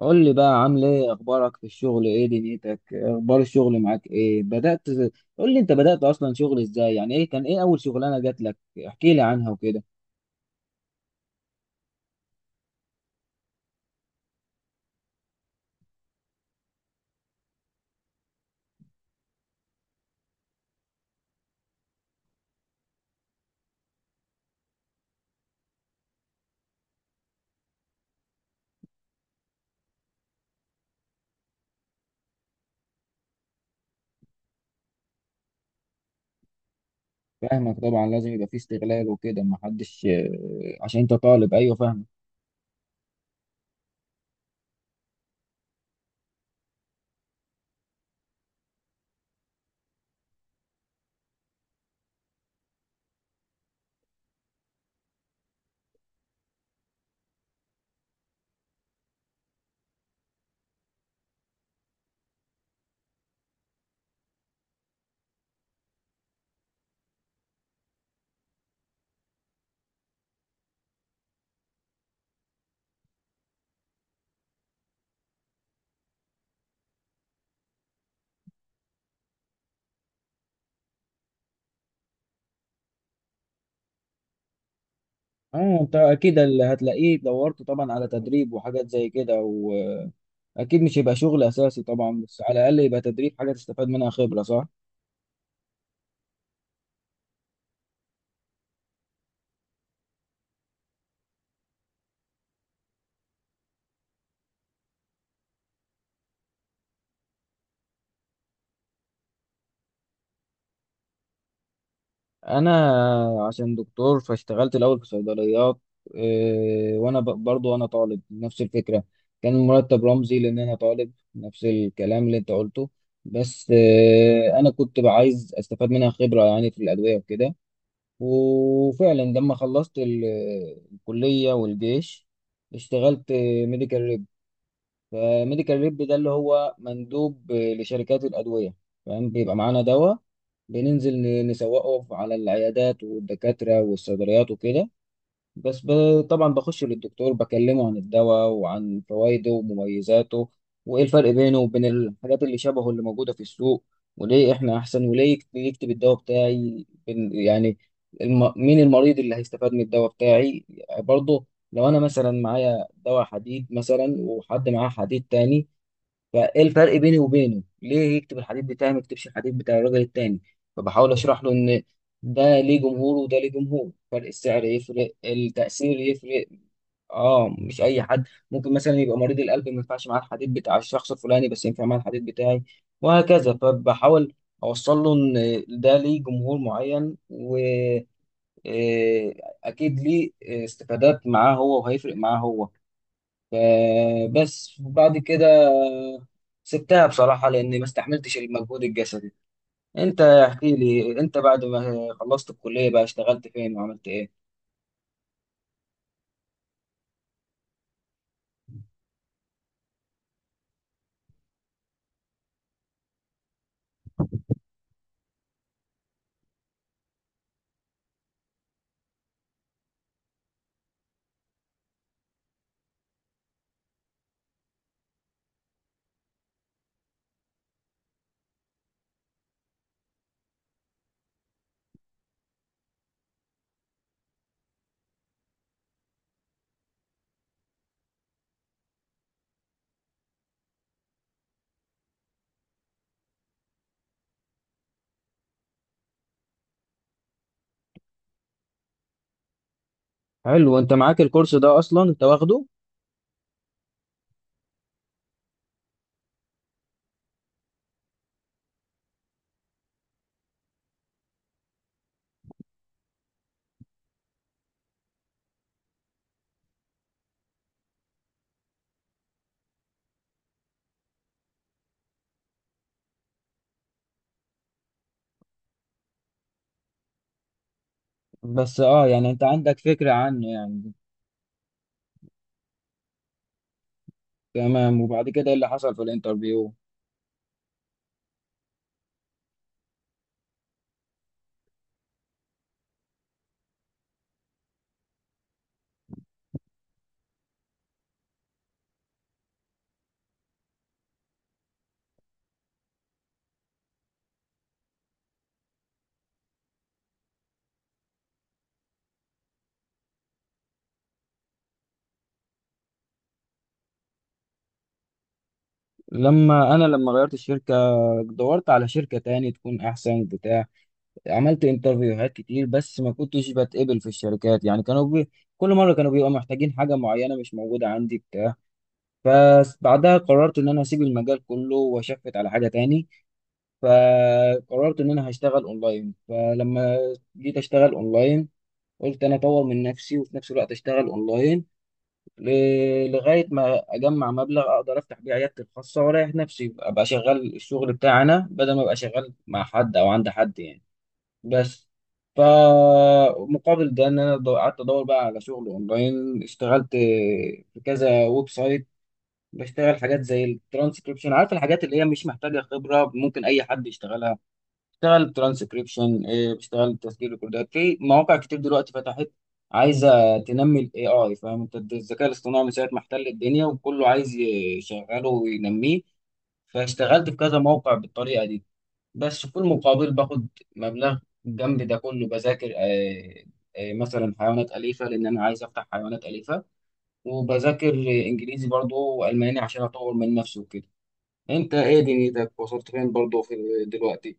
قول لي بقى، عامل ايه؟ اخبارك في الشغل، ايه دنيتك؟ اخبار الشغل معاك ايه؟ بدأت قول لي، انت بدأت اصلا شغل ازاي؟ يعني ايه كان، ايه اول شغلانة جات لك؟ احكي لي عنها وكده. فاهمك طبعا، لازم يبقى في استغلال وكده. ما حدش عشان انت طالب، ايوه فاهمك. اه، انت اكيد اللي هتلاقيه دورت طبعا على تدريب وحاجات زي كده، واكيد مش هيبقى شغل اساسي طبعا، بس على الاقل يبقى تدريب، حاجة تستفاد منها خبرة، صح؟ انا عشان دكتور فاشتغلت الاول في صيدليات. وانا برضو انا طالب، نفس الفكره. كان المرتب رمزي لان انا طالب، نفس الكلام اللي انت قلته. بس انا كنت بقى عايز استفاد منها خبره، يعني في الادويه وكده. وفعلا لما خلصت الكليه والجيش، اشتغلت ميديكال ريب. فميديكال ريب ده اللي هو مندوب لشركات الادويه، فاهم؟ بيبقى معانا دواء، بننزل نسوقه على العيادات والدكاترة والصيدليات وكده. بس ب... طبعا بخش للدكتور، بكلمه عن الدواء وعن فوائده ومميزاته، وإيه الفرق بينه وبين الحاجات اللي شبهه اللي موجودة في السوق، وليه إحنا أحسن، وليه يكتب الدواء بتاعي، يعني مين المريض اللي هيستفاد من الدواء بتاعي؟ برضه لو أنا مثلا معايا دواء حديد مثلا، وحد معاه حديد تاني، فايه الفرق بيني وبينه؟ ليه يكتب الحديث بتاعي، ما يكتبش الحديث بتاع الراجل التاني؟ فبحاول اشرح له ان ده ليه جمهور، وده ليه جمهور، فرق السعر يفرق، التأثير يفرق. اه، مش اي حد. ممكن مثلا يبقى مريض القلب ما ينفعش معاه الحديث بتاع الشخص الفلاني، بس ينفع معاه الحديث بتاعي، وهكذا. فبحاول اوصل له ان ده ليه جمهور معين، واكيد ليه استفادات معاه هو وهيفرق معاه هو. فبس، وبعد كده سبتها بصراحة لأني ما استحملتش المجهود الجسدي. أنت احكي لي، أنت بعد ما خلصت الكلية بقى اشتغلت فين وعملت إيه؟ حلو، أنت معاك الكورس ده أصلا؟ أنت واخده؟ بس يعني أنت عندك فكرة عنه يعني. تمام، وبعد كده إيه اللي حصل في الانترفيو؟ لما غيرت الشركة، دورت على شركة تاني تكون أحسن بتاع. عملت انترفيوهات كتير، بس ما كنتش بتقبل في الشركات. يعني كل مره كانوا بيبقوا محتاجين حاجه معينه مش موجوده عندي بتاع. فبعدها قررت ان انا اسيب المجال كله واشفت على حاجه تاني. فقررت ان انا هشتغل اونلاين. فلما جيت اشتغل اونلاين، قلت انا اطور من نفسي وفي نفس الوقت اشتغل اونلاين، ل... لغايه ما اجمع مبلغ اقدر افتح بيه عيادتي الخاصه، واريح نفسي، ابقى شغال الشغل بتاعي انا، بدل ما ابقى شغال مع حد او عند حد يعني. بس فمقابل ده ان انا قعدت ادور بقى على شغل اونلاين، اشتغلت في كذا ويب سايت، بشتغل حاجات زي الترانسكريبشن. عارف الحاجات اللي هي مش محتاجه خبره، ممكن اي حد يشتغلها. اشتغل ترانسكريبشن، بشتغل تسجيل ريكوردات في مواقع كتير دلوقتي فتحت، عايزه تنمي الاي اي، فاهم انت؟ الذكاء الاصطناعي من ساعه ما احتل الدنيا، وكله عايز يشغله وينميه. فاشتغلت في كذا موقع بالطريقه دي، بس في المقابل باخد مبلغ. جنب ده كله، بذاكر مثلا حيوانات أليفة، لأن أنا عايز أفتح حيوانات أليفة. وبذاكر إنجليزي برضه وألماني عشان أطور من نفسي وكده. أنت إيه دنيتك؟ وصلت فين برضه في دلوقتي؟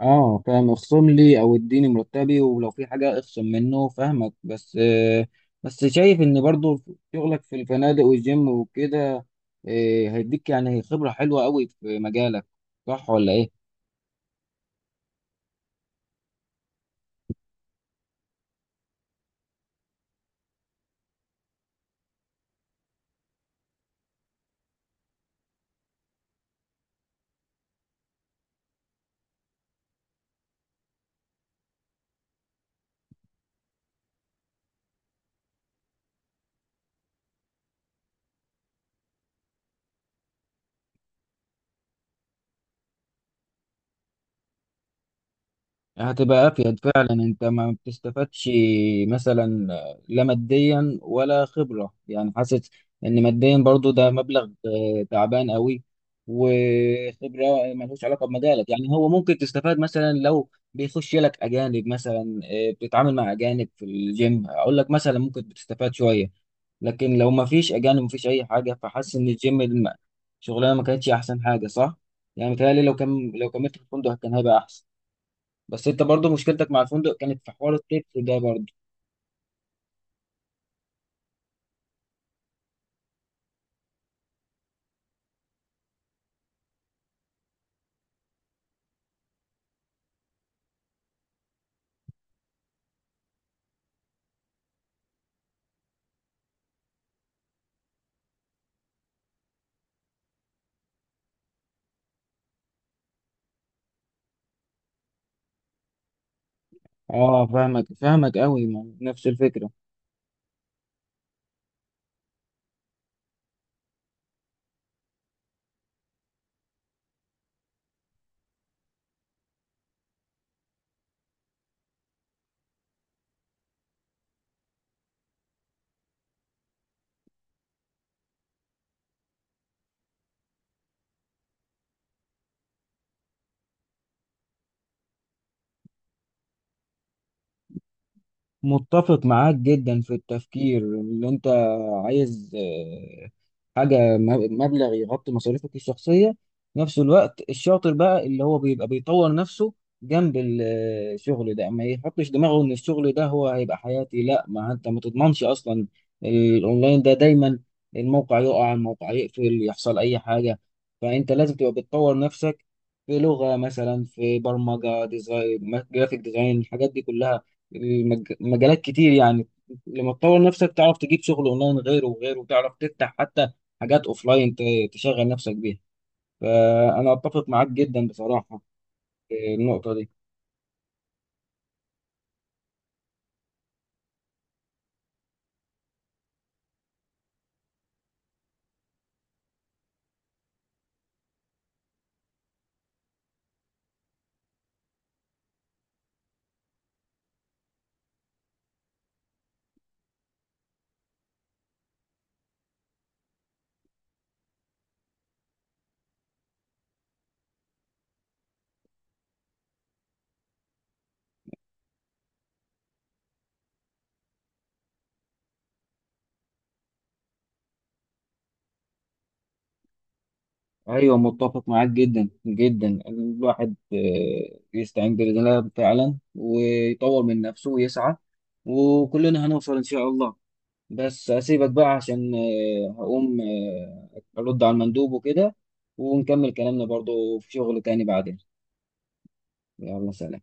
اه فاهم، اخصم لي او اديني مرتبي، ولو في حاجه اخصم منه، فاهمك. بس بس شايف ان برضه شغلك في الفنادق والجيم وكده هيديك يعني خبره حلوه قوي في مجالك، صح ولا ايه؟ هتبقى افيد فعلا، انت ما بتستفادش مثلا لا ماديا ولا خبرة. يعني حاسس ان ماديا برضو ده مبلغ تعبان قوي، وخبرة ملهوش علاقة بمجالك. يعني هو ممكن تستفاد مثلا لو بيخش لك اجانب، مثلا بتتعامل مع اجانب في الجيم، اقول لك مثلا ممكن بتستفاد شوية. لكن لو ما فيش اجانب، ما فيش اي حاجة. فحاسس ان الجيم شغلانة ما كانتش احسن حاجة، صح؟ يعني متهيألي لو كان لو كملت في الفندق كان هيبقى احسن. بس انت برضو مشكلتك مع الفندق كانت في حوار التكس ده برضو. اه فاهمك، فاهمك قوي نفس الفكرة. متفق معاك جدا في التفكير اللي انت عايز. حاجة مبلغ يغطي مصاريفك الشخصية، في نفس الوقت الشاطر بقى اللي هو بيبقى بيطور نفسه جنب الشغل ده، ما يحطش دماغه ان الشغل ده هو هيبقى حياتي، لا. ما انت ما تضمنش اصلا، الاونلاين ده دايما الموقع يقع، الموقع يقفل، يحصل اي حاجة. فانت لازم تبقى بتطور نفسك في لغة مثلا، في برمجة، ديزاين، جرافيك ديزاين، الحاجات دي كلها. مجالات كتير يعني. لما تطور نفسك تعرف تجيب شغل اونلاين غيره وغيره، وتعرف تفتح حتى حاجات اوفلاين تشغل نفسك بيها. فانا اتفق معاك جدا بصراحة في النقطة دي. ايوه، متفق معاك جدا جدا. الواحد يستعين بالله فعلا ويطور من نفسه ويسعى، وكلنا هنوصل ان شاء الله. بس اسيبك بقى عشان هقوم ارد على المندوب وكده، ونكمل كلامنا برضو في شغل تاني بعدين. يلا، سلام.